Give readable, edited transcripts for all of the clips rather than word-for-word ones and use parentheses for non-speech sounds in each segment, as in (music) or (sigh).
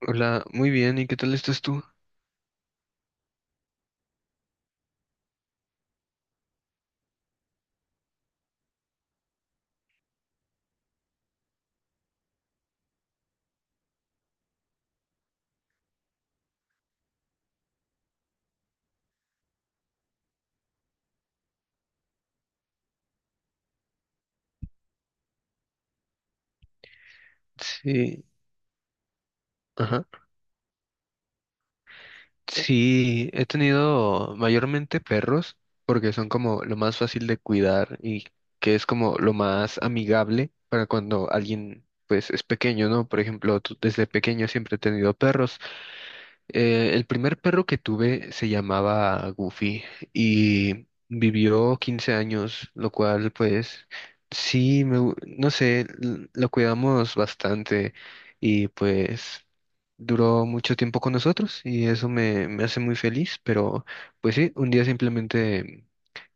Hola, muy bien, ¿y qué tal estás tú? Sí, ajá. Sí, he tenido mayormente perros porque son como lo más fácil de cuidar y que es como lo más amigable para cuando alguien pues es pequeño, ¿no? Por ejemplo, desde pequeño siempre he tenido perros. El primer perro que tuve se llamaba Goofy y vivió 15 años, lo cual pues sí, no sé, lo cuidamos bastante y pues duró mucho tiempo con nosotros y eso me hace muy feliz, pero pues sí, un día simplemente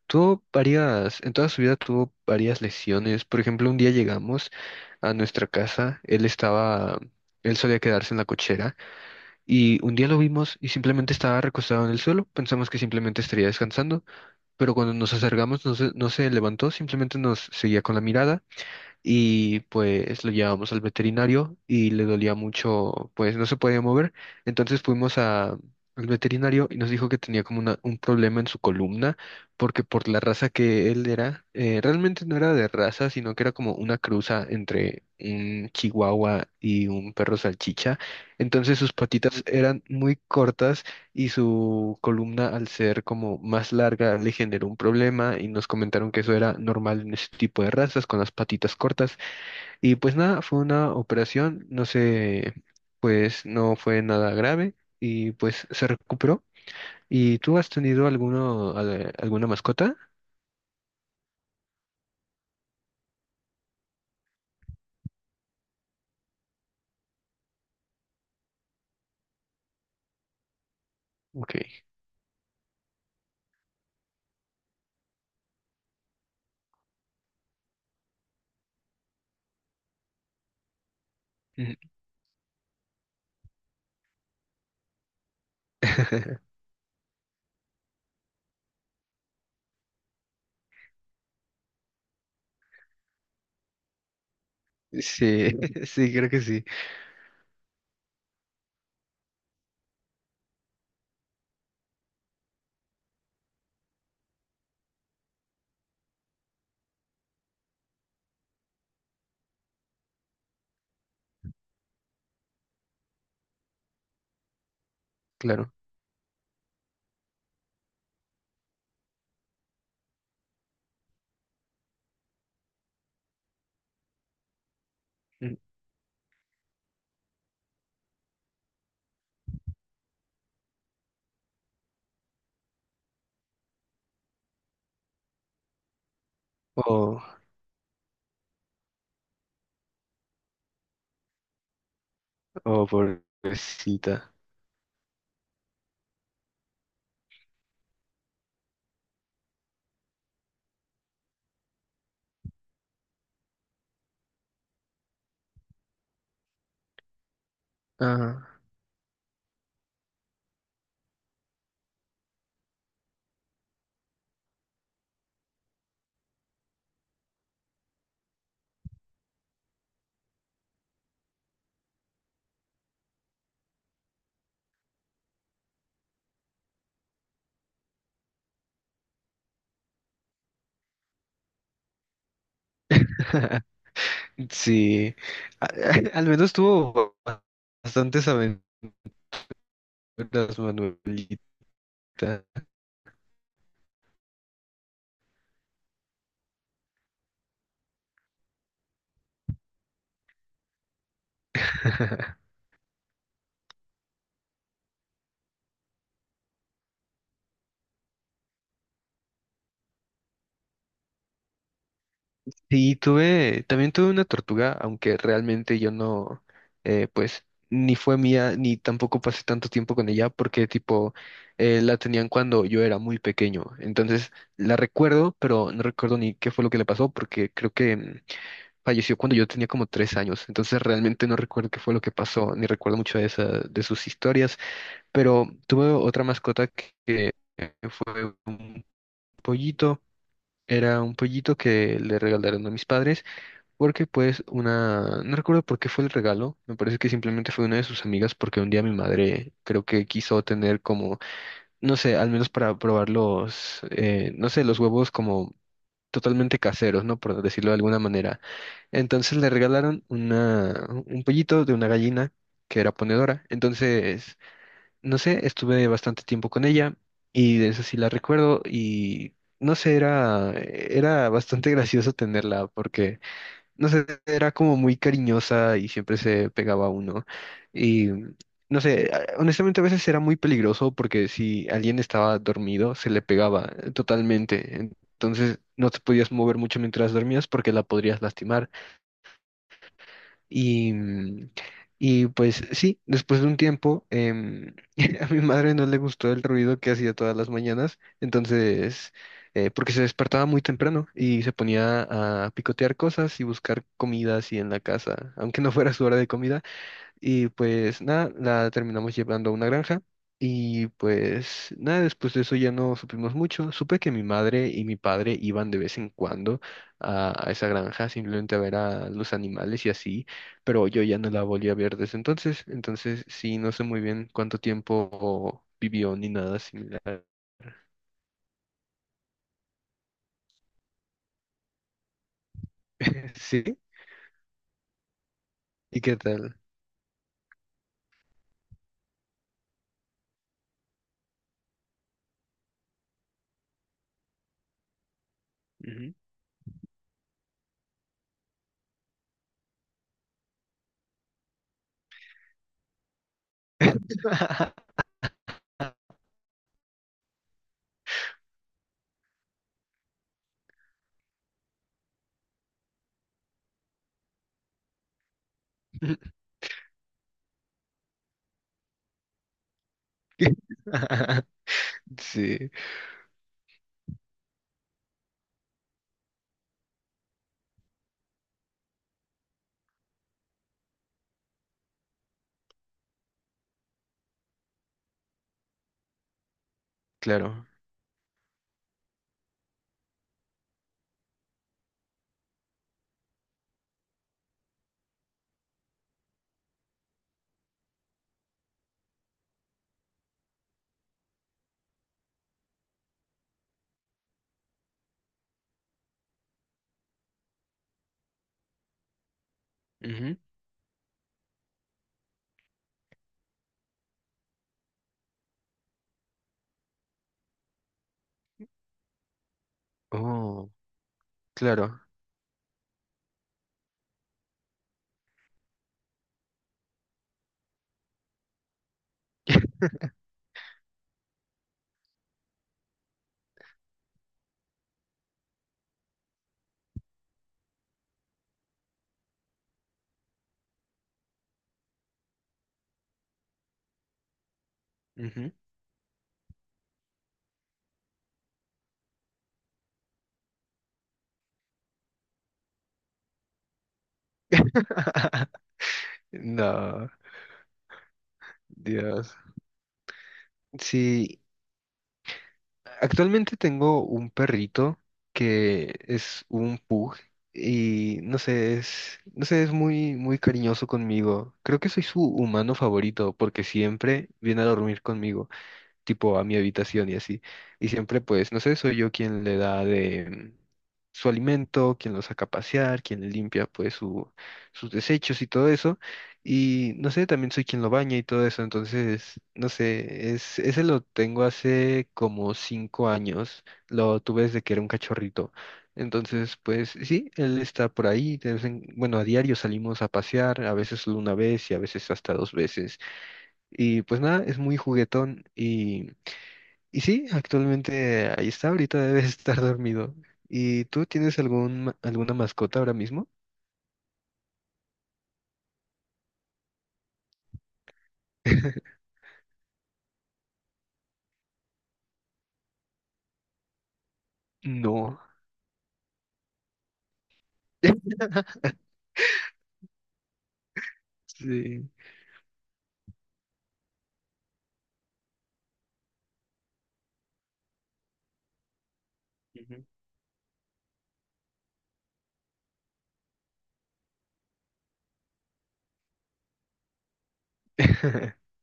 en toda su vida tuvo varias lesiones. Por ejemplo, un día llegamos a nuestra casa, él solía quedarse en la cochera y un día lo vimos y simplemente estaba recostado en el suelo. Pensamos que simplemente estaría descansando, pero cuando nos acercamos no se levantó, simplemente nos seguía con la mirada y pues lo llevamos al veterinario y le dolía mucho, pues no se podía mover. Entonces al veterinario y nos dijo que tenía como un problema en su columna porque por la raza que él era, realmente no era de raza, sino que era como una cruza entre un chihuahua y un perro salchicha. Entonces sus patitas eran muy cortas y su columna, al ser como más larga, le generó un problema y nos comentaron que eso era normal en ese tipo de razas, con las patitas cortas. Y pues nada, fue una operación, no sé, pues no fue nada grave y pues se recuperó. ¿Y tú has tenido alguno, alguna mascota? Ok. Ujú. (laughs) Sí, (laughs) sí, creo que sí, claro. Mm. Oh, oh, pobrecita. Ajá. (laughs) Sí, a- (laughs) al menos tuvo bastantes aventuras, Manuelita. (laughs) Sí, también tuve una tortuga, aunque realmente yo no, pues, ni fue mía, ni tampoco pasé tanto tiempo con ella, porque tipo, la tenían cuando yo era muy pequeño. Entonces, la recuerdo, pero no recuerdo ni qué fue lo que le pasó, porque creo que falleció cuando yo tenía como 3 años. Entonces, realmente no recuerdo qué fue lo que pasó, ni recuerdo mucho de de sus historias. Pero tuve otra mascota que fue un pollito. Era un pollito que le regalaron a mis padres porque pues no recuerdo por qué fue el regalo, me parece que simplemente fue una de sus amigas porque un día mi madre creo que quiso tener como, no sé, al menos para probar no sé, los huevos como totalmente caseros, ¿no? Por decirlo de alguna manera. Entonces le regalaron un pollito de una gallina que era ponedora. Entonces no sé, estuve bastante tiempo con ella y de eso sí la recuerdo y no sé, era bastante (laughs) gracioso tenerla porque, no sé, era como muy cariñosa y siempre se pegaba a uno. Y no sé, honestamente a veces era muy peligroso porque si alguien estaba dormido se le pegaba totalmente. Entonces no te podías mover mucho mientras dormías porque la podrías lastimar. Y, mm, y pues sí, después de un tiempo, (laughs) a mi madre no le gustó el ruido que hacía todas las mañanas, entonces, porque se despertaba muy temprano y se ponía a picotear cosas y buscar comida así en la casa, aunque no fuera su hora de comida, y pues nada, la terminamos llevando a una granja. Y pues nada, después de eso ya no supimos mucho. Supe que mi madre y mi padre iban de vez en cuando a esa granja simplemente a ver a los animales y así, pero yo ya no la volví a ver desde entonces. Entonces sí, no sé muy bien cuánto tiempo vivió ni nada similar. (laughs) ¿Sí? ¿Y qué tal? Ujú. (laughs) Sí, claro. Ujú. Oh, claro. (laughs) Ujú. No, Dios. Sí, actualmente tengo un perrito que es un pug y no sé, es muy, muy cariñoso conmigo. Creo que soy su humano favorito porque siempre viene a dormir conmigo, tipo a mi habitación y así. Y siempre, pues, no sé, soy yo quien le da de su alimento, quien lo saca a pasear, quien le limpia, pues, sus desechos y todo eso. Y no sé, también soy quien lo baña y todo eso. Entonces, no sé, ese lo tengo hace como 5 años. Lo tuve desde que era un cachorrito. Entonces, pues sí, él está por ahí. Bueno, a diario salimos a pasear, a veces solo una vez y a veces hasta dos veces. Y pues nada, es muy juguetón y sí, actualmente ahí está, ahorita debe (laughs) estar dormido. ¿Y tú tienes algún, alguna mascota ahora mismo? (laughs) No. (laughs) Sí. Ujú. (laughs)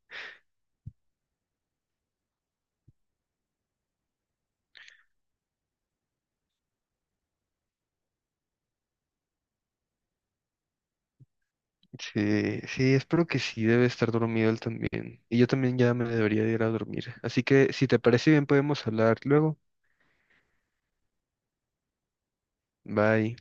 Sí, sí, espero que sí, debe estar dormido él también. Y yo también ya me debería de ir a dormir. Así que si te parece bien, podemos hablar luego. Bye.